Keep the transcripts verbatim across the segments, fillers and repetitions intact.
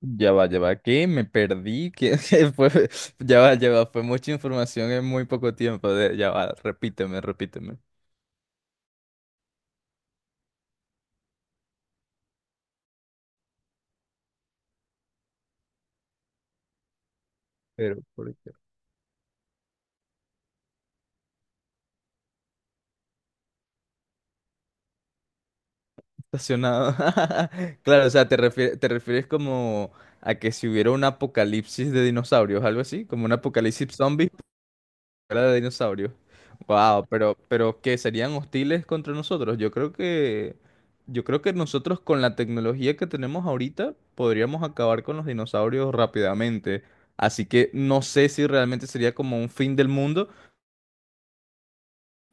Ya va, ya va, ¿qué? Me perdí, ¿qué? ¿Qué fue? Ya va, ya va, fue mucha información en muy poco tiempo. de- Ya va, repíteme, repíteme. Pero, ¿por qué? Estacionado. Claro, o sea, te refie- te refieres como a que si hubiera un apocalipsis de dinosaurios, algo así, como un apocalipsis zombie. Era de dinosaurio. Wow, pero, pero que serían hostiles contra nosotros. Yo creo que, yo creo que nosotros con la tecnología que tenemos ahorita podríamos acabar con los dinosaurios rápidamente. Así que no sé si realmente sería como un fin del mundo,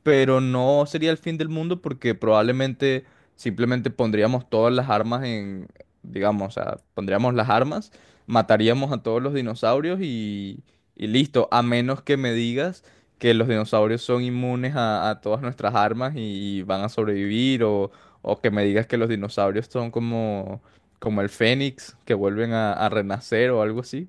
pero no sería el fin del mundo porque probablemente simplemente pondríamos todas las armas en, digamos, o sea, pondríamos las armas, mataríamos a todos los dinosaurios y, y listo, a menos que me digas que los dinosaurios son inmunes a, a todas nuestras armas y, y van a sobrevivir o, o que me digas que los dinosaurios son como, como el fénix, que vuelven a, a renacer o algo así.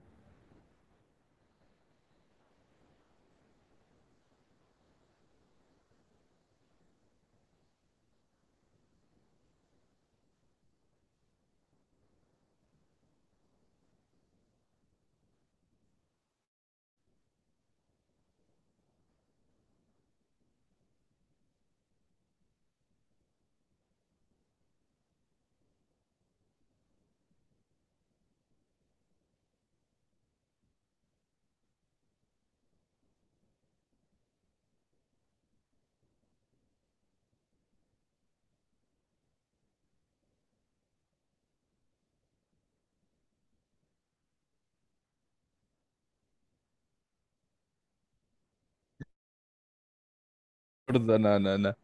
No, no, no, no.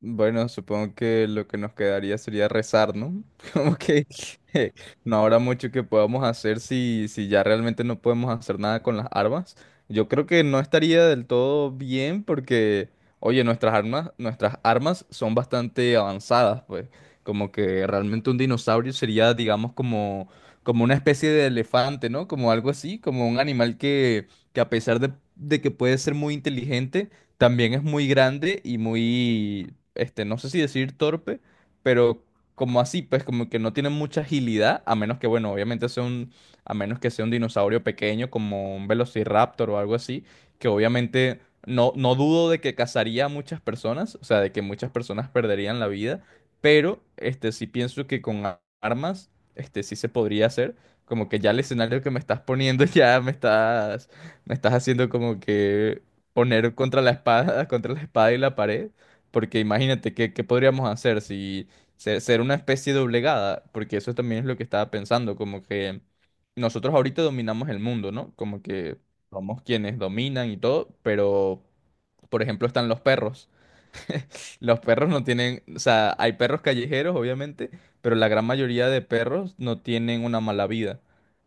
Bueno, supongo que lo que nos quedaría sería rezar, ¿no? Como que eh, no habrá mucho que podamos hacer si, si ya realmente no podemos hacer nada con las armas. Yo creo que no estaría del todo bien porque, oye, nuestras armas, nuestras armas son bastante avanzadas, pues. Como que realmente un dinosaurio sería, digamos, como, como una especie de elefante, ¿no? Como algo así, como un animal que, que a pesar de, de que puede ser muy inteligente también es muy grande y muy, este, no sé si decir torpe, pero como así, pues como que no tiene mucha agilidad, a menos que, bueno, obviamente sea un, a menos que sea un dinosaurio pequeño como un Velociraptor o algo así, que obviamente no, no dudo de que cazaría a muchas personas, o sea, de que muchas personas perderían la vida, pero, este, sí pienso que con a- armas, este, sí se podría hacer, como que ya el escenario que me estás poniendo ya me estás... Me estás haciendo como que poner contra la espada, contra la espada y la pared, porque imagínate qué, qué podríamos hacer si ser, ser una especie doblegada, porque eso también es lo que estaba pensando, como que nosotros ahorita dominamos el mundo, ¿no? Como que somos quienes dominan y todo, pero por ejemplo están los perros. Los perros no tienen, o sea, hay perros callejeros, obviamente, pero la gran mayoría de perros no tienen una mala vida.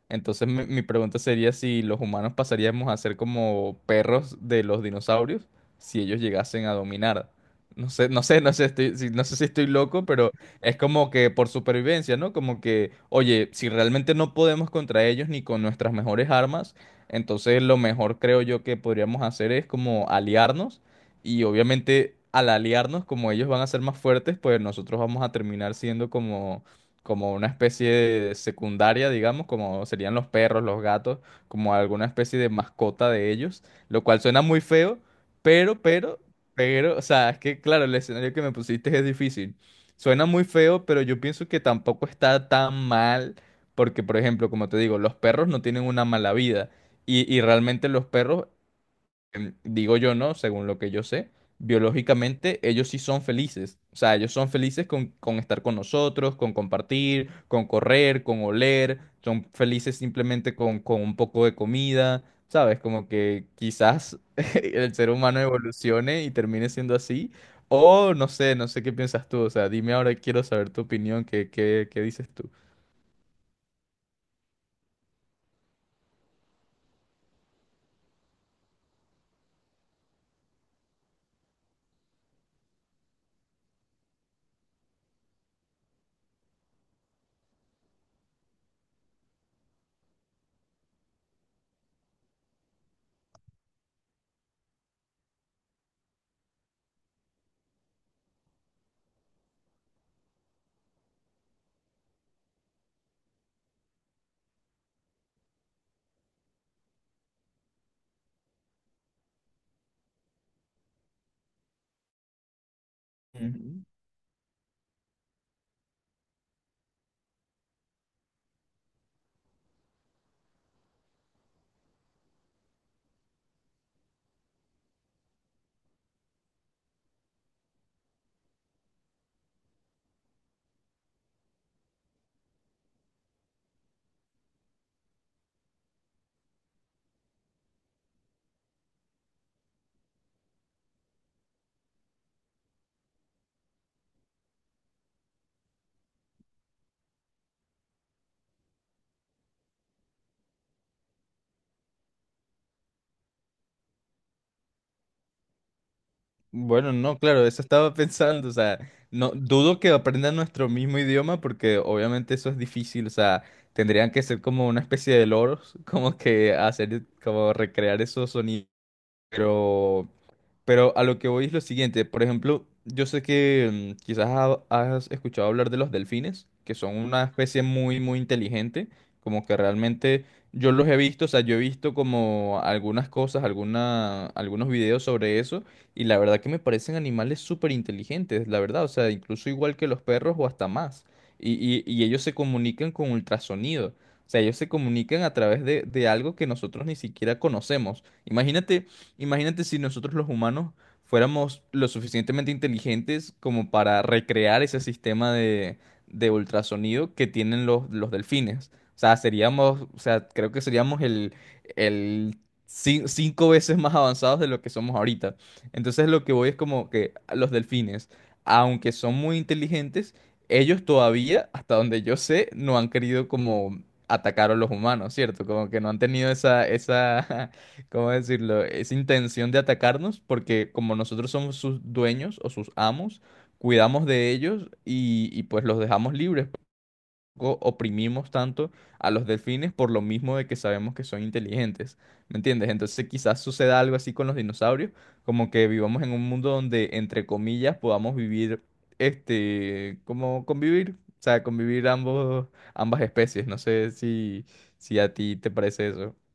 Entonces mi, mi pregunta sería si los humanos pasaríamos a ser como perros de los dinosaurios si ellos llegasen a dominar. No sé, no sé, no sé, estoy- si- no sé si estoy loco, pero es como que por supervivencia, ¿no? Como que, oye, si realmente no podemos contra ellos ni con nuestras mejores armas, entonces lo mejor creo yo que podríamos hacer es como aliarnos y obviamente al aliarnos, como ellos van a ser más fuertes, pues nosotros vamos a terminar siendo como, como una especie de secundaria, digamos, como serían los perros, los gatos, como alguna especie de mascota de ellos, lo cual suena muy feo, pero, pero, pero, o sea, es que claro, el escenario que me pusiste es difícil. Suena muy feo, pero yo pienso que tampoco está tan mal, porque por ejemplo, como te digo, los perros no tienen una mala vida. Y, y realmente los perros em, digo yo, ¿no? Según lo que yo sé, biológicamente ellos sí son felices. O sea, ellos son felices con, con estar con nosotros, con compartir, con correr, con oler. Son felices simplemente con, con un poco de comida. ¿Sabes? Como que quizás el ser humano evolucione y termine siendo así. O no sé, no sé qué piensas tú. O sea, dime ahora, quiero saber tu opinión, ¿qué, qué, qué dices tú? Bueno, no, claro, eso estaba pensando, o sea, no dudo que aprendan nuestro mismo idioma porque obviamente eso es difícil, o sea, tendrían que ser como una especie de loros, como que hacer, como recrear esos sonidos, pero a lo que voy es lo siguiente. Por ejemplo, yo sé que mm, quizás ha- has escuchado hablar de los delfines, que son una especie muy, muy inteligente. Como que realmente yo los he visto, o sea, yo he visto como algunas cosas, alguna, algunos videos sobre eso, y la verdad que me parecen animales súper inteligentes, la verdad, o sea, incluso igual que los perros o hasta más. Y, y- y ellos se comunican con ultrasonido, o sea, ellos se comunican a través de, de algo que nosotros ni siquiera conocemos. Imagínate. Imagínate si nosotros los humanos fuéramos lo suficientemente inteligentes como para recrear ese sistema de, de ultrasonido que tienen los, los delfines. O sea, seríamos, o sea, creo que seríamos el, el cin- cinco veces más avanzados de lo que somos ahorita. Entonces lo que voy es como que los delfines, aunque son muy inteligentes, ellos todavía, hasta donde yo sé, no han querido como atacar a los humanos, ¿cierto? Como que no han tenido esa, esa ¿cómo decirlo? Esa intención de atacarnos, porque como nosotros somos sus dueños o sus amos, cuidamos de ellos y, y pues los dejamos libres. Tampoco oprimimos tanto a los delfines por lo mismo de que sabemos que son inteligentes, ¿me entiendes? Entonces quizás suceda algo así con los dinosaurios, como que vivamos en un mundo donde, entre comillas, podamos vivir, este, como convivir, o sea, convivir ambos, ambas especies. No sé si, si a ti te parece eso.